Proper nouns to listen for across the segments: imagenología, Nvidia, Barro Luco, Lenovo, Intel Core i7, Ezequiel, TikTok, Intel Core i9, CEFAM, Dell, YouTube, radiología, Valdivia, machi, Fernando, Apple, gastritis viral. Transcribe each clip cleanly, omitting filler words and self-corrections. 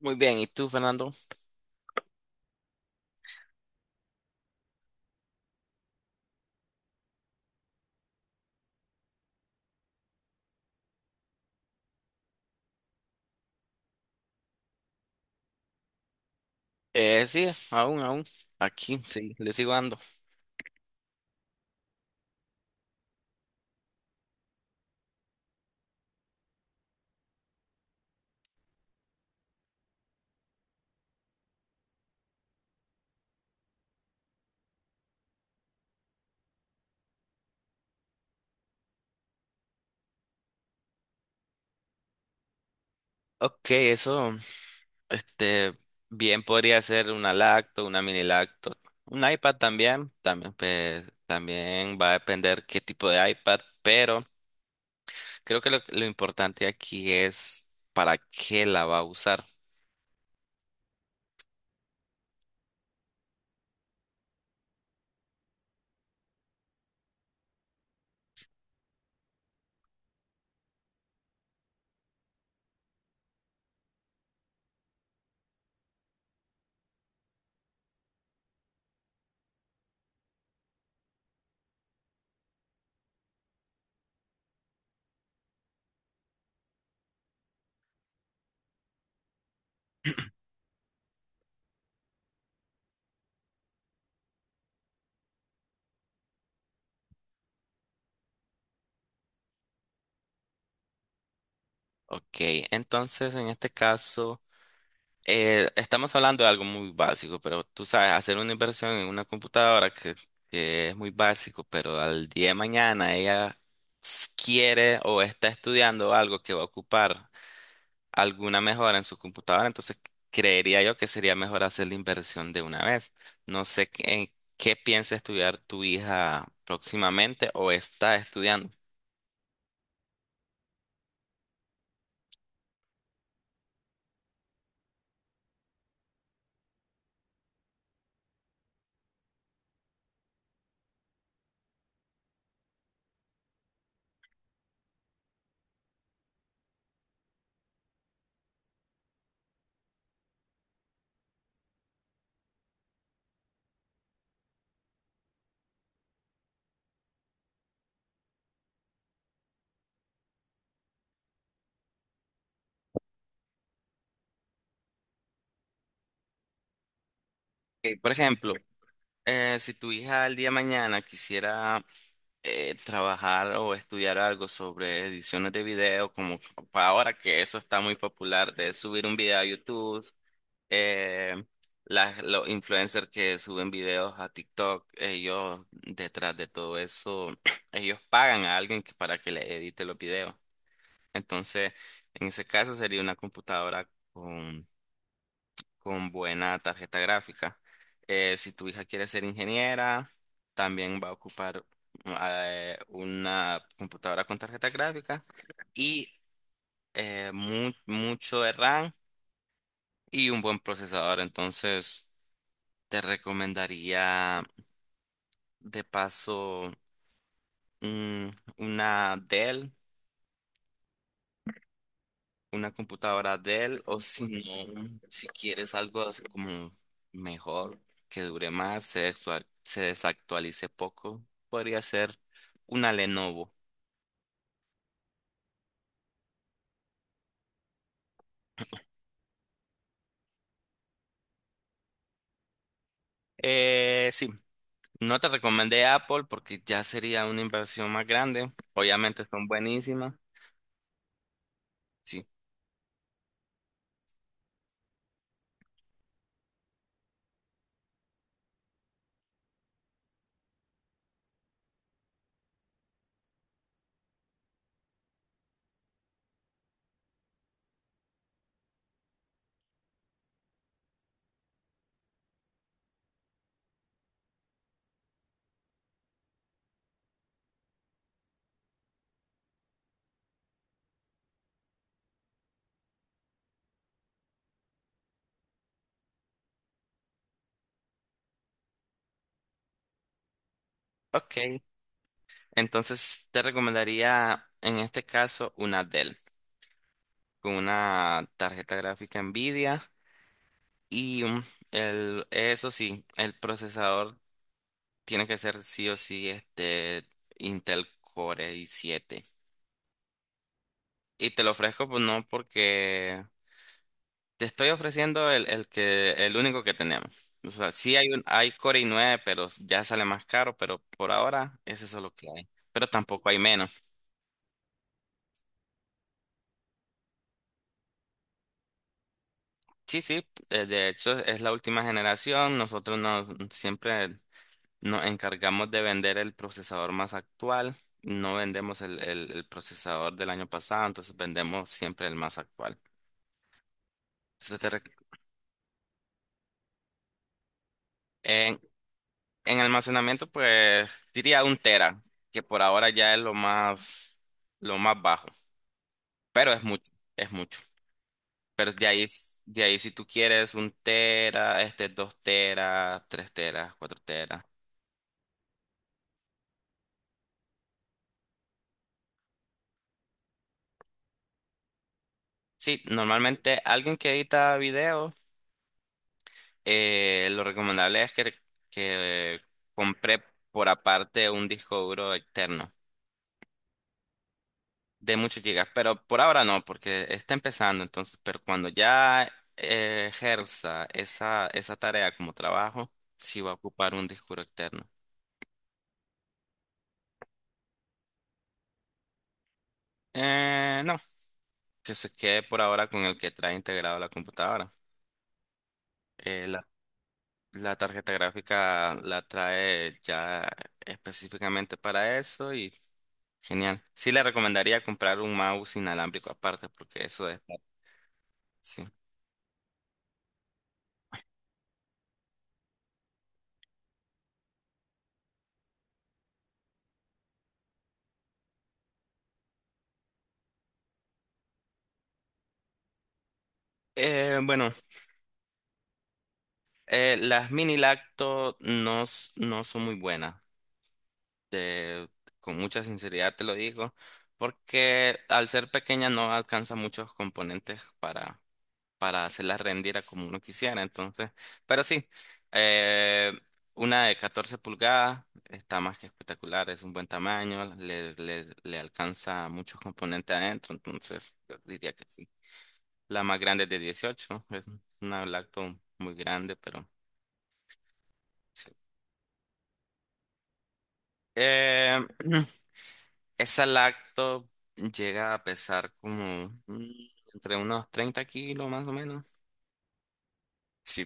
Muy bien, ¿y tú, Fernando? Sí, aún. Aquí, sí, le sigo dando. Ok, eso, este, bien podría ser una lacto, una mini lacto. Un iPad también, pues, también va a depender qué tipo de iPad, pero creo que lo importante aquí es para qué la va a usar. Ok, entonces en este caso. Estamos hablando de algo muy básico, pero tú sabes, hacer una inversión en una computadora que es muy básico, pero al día de mañana ella quiere o está estudiando algo que va a ocupar alguna mejora en su computadora, entonces creería yo que sería mejor hacer la inversión de una vez. No sé qué, en qué piensa estudiar tu hija próximamente o está estudiando. Por ejemplo, si tu hija al día de mañana quisiera trabajar o estudiar algo sobre ediciones de video, como para ahora que eso está muy popular, de subir un video a YouTube, eh, los influencers que suben videos a TikTok, ellos detrás de todo eso, ellos pagan a alguien para que le edite los videos. Entonces, en ese caso sería una computadora con buena tarjeta gráfica. Si tu hija quiere ser ingeniera, también va a ocupar una computadora con tarjeta gráfica y mucho de RAM y un buen procesador. Entonces, te recomendaría de paso mm, una Dell, una computadora Dell. O si no, si quieres algo así como mejor, que dure más, se desactualice poco, podría ser una Lenovo. Sí, no te recomendé Apple porque ya sería una inversión más grande. Obviamente son buenísimas. Sí, ok. Entonces te recomendaría en este caso una Dell con una tarjeta gráfica Nvidia y eso sí, el procesador tiene que ser sí o sí, este, Intel Core i7. Y te lo ofrezco, pues no, porque te estoy ofreciendo el único que tenemos. O sea, sí hay hay Core i9, pero ya sale más caro, pero por ahora es eso lo que hay. Pero tampoco hay menos. Sí, sí, de hecho es la última generación. Nosotros nos, siempre nos encargamos de vender el procesador más actual. No vendemos el el procesador del año pasado, entonces vendemos siempre el más actual. Entonces te En, en almacenamiento, pues diría un tera, que por ahora ya es lo más bajo, pero es mucho, es mucho. Pero de ahí, de ahí si tú quieres un tera, este, dos teras, tres teras, cuatro teras. Sí, normalmente alguien que edita videos, lo recomendable es que compre por aparte un disco duro externo de muchos gigas, pero por ahora no, porque está empezando, entonces, pero cuando ya ejerza esa tarea como trabajo, sí va a ocupar un disco duro externo. No, que se quede por ahora con el que trae integrado la computadora. Eh, la, la tarjeta gráfica la trae ya específicamente para eso y genial. Sí le recomendaría comprar un mouse inalámbrico aparte, porque eso es... sí. Bueno. Las mini lacto no, no son muy buenas, te- con mucha sinceridad te lo digo, porque al ser pequeña no alcanza muchos componentes para hacerlas rendir a como uno quisiera, entonces, pero sí, eh, una de 14 pulgadas está más que espectacular, es un buen tamaño, le alcanza muchos componentes adentro, entonces yo diría que sí. La más grande es de 18, es una lacto muy grande, pero... sí. Eh, Esa lacto llega a pesar como entre unos 30 kilos más o menos. Sí,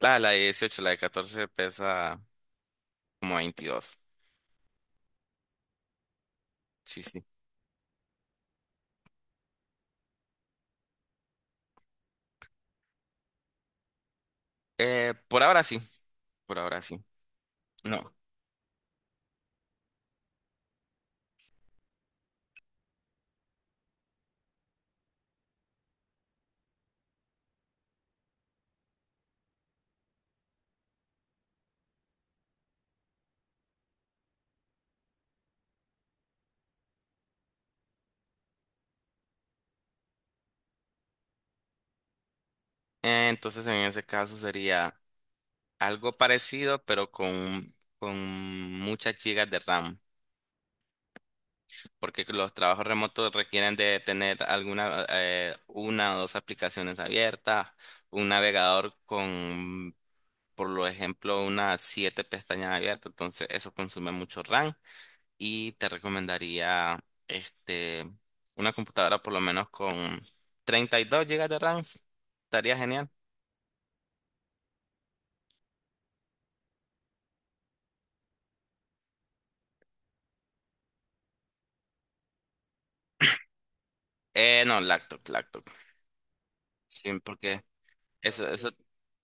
la de 18, la de 14 pesa como 22. Sí, sí. Por ahora sí, por ahora sí. No. Entonces en ese caso sería algo parecido, pero con muchas gigas de RAM, porque los trabajos remotos requieren de tener alguna, una o dos aplicaciones abiertas, un navegador con por lo ejemplo, unas siete pestañas abiertas, entonces eso consume mucho RAM y te recomendaría este, una computadora por lo menos con 32 gigas de RAM, estaría genial. No, laptop, laptop. Sí, porque eso,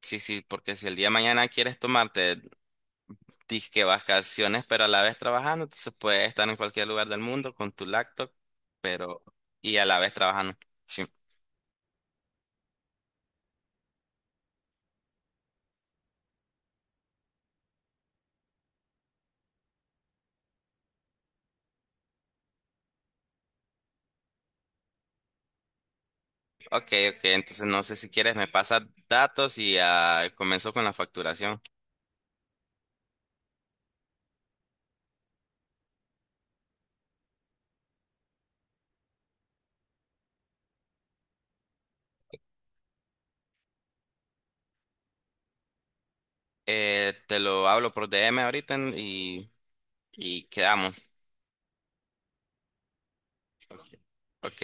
sí, sí, porque si el día de mañana quieres tomarte disque vacaciones, pero a la vez trabajando, entonces puedes estar en cualquier lugar del mundo con tu laptop, pero y a la vez trabajando. Sí. Ok, ok, entonces no sé si quieres me pasas datos y ah, comenzó con la facturación. Te lo hablo por DM ahorita y quedamos. Ok,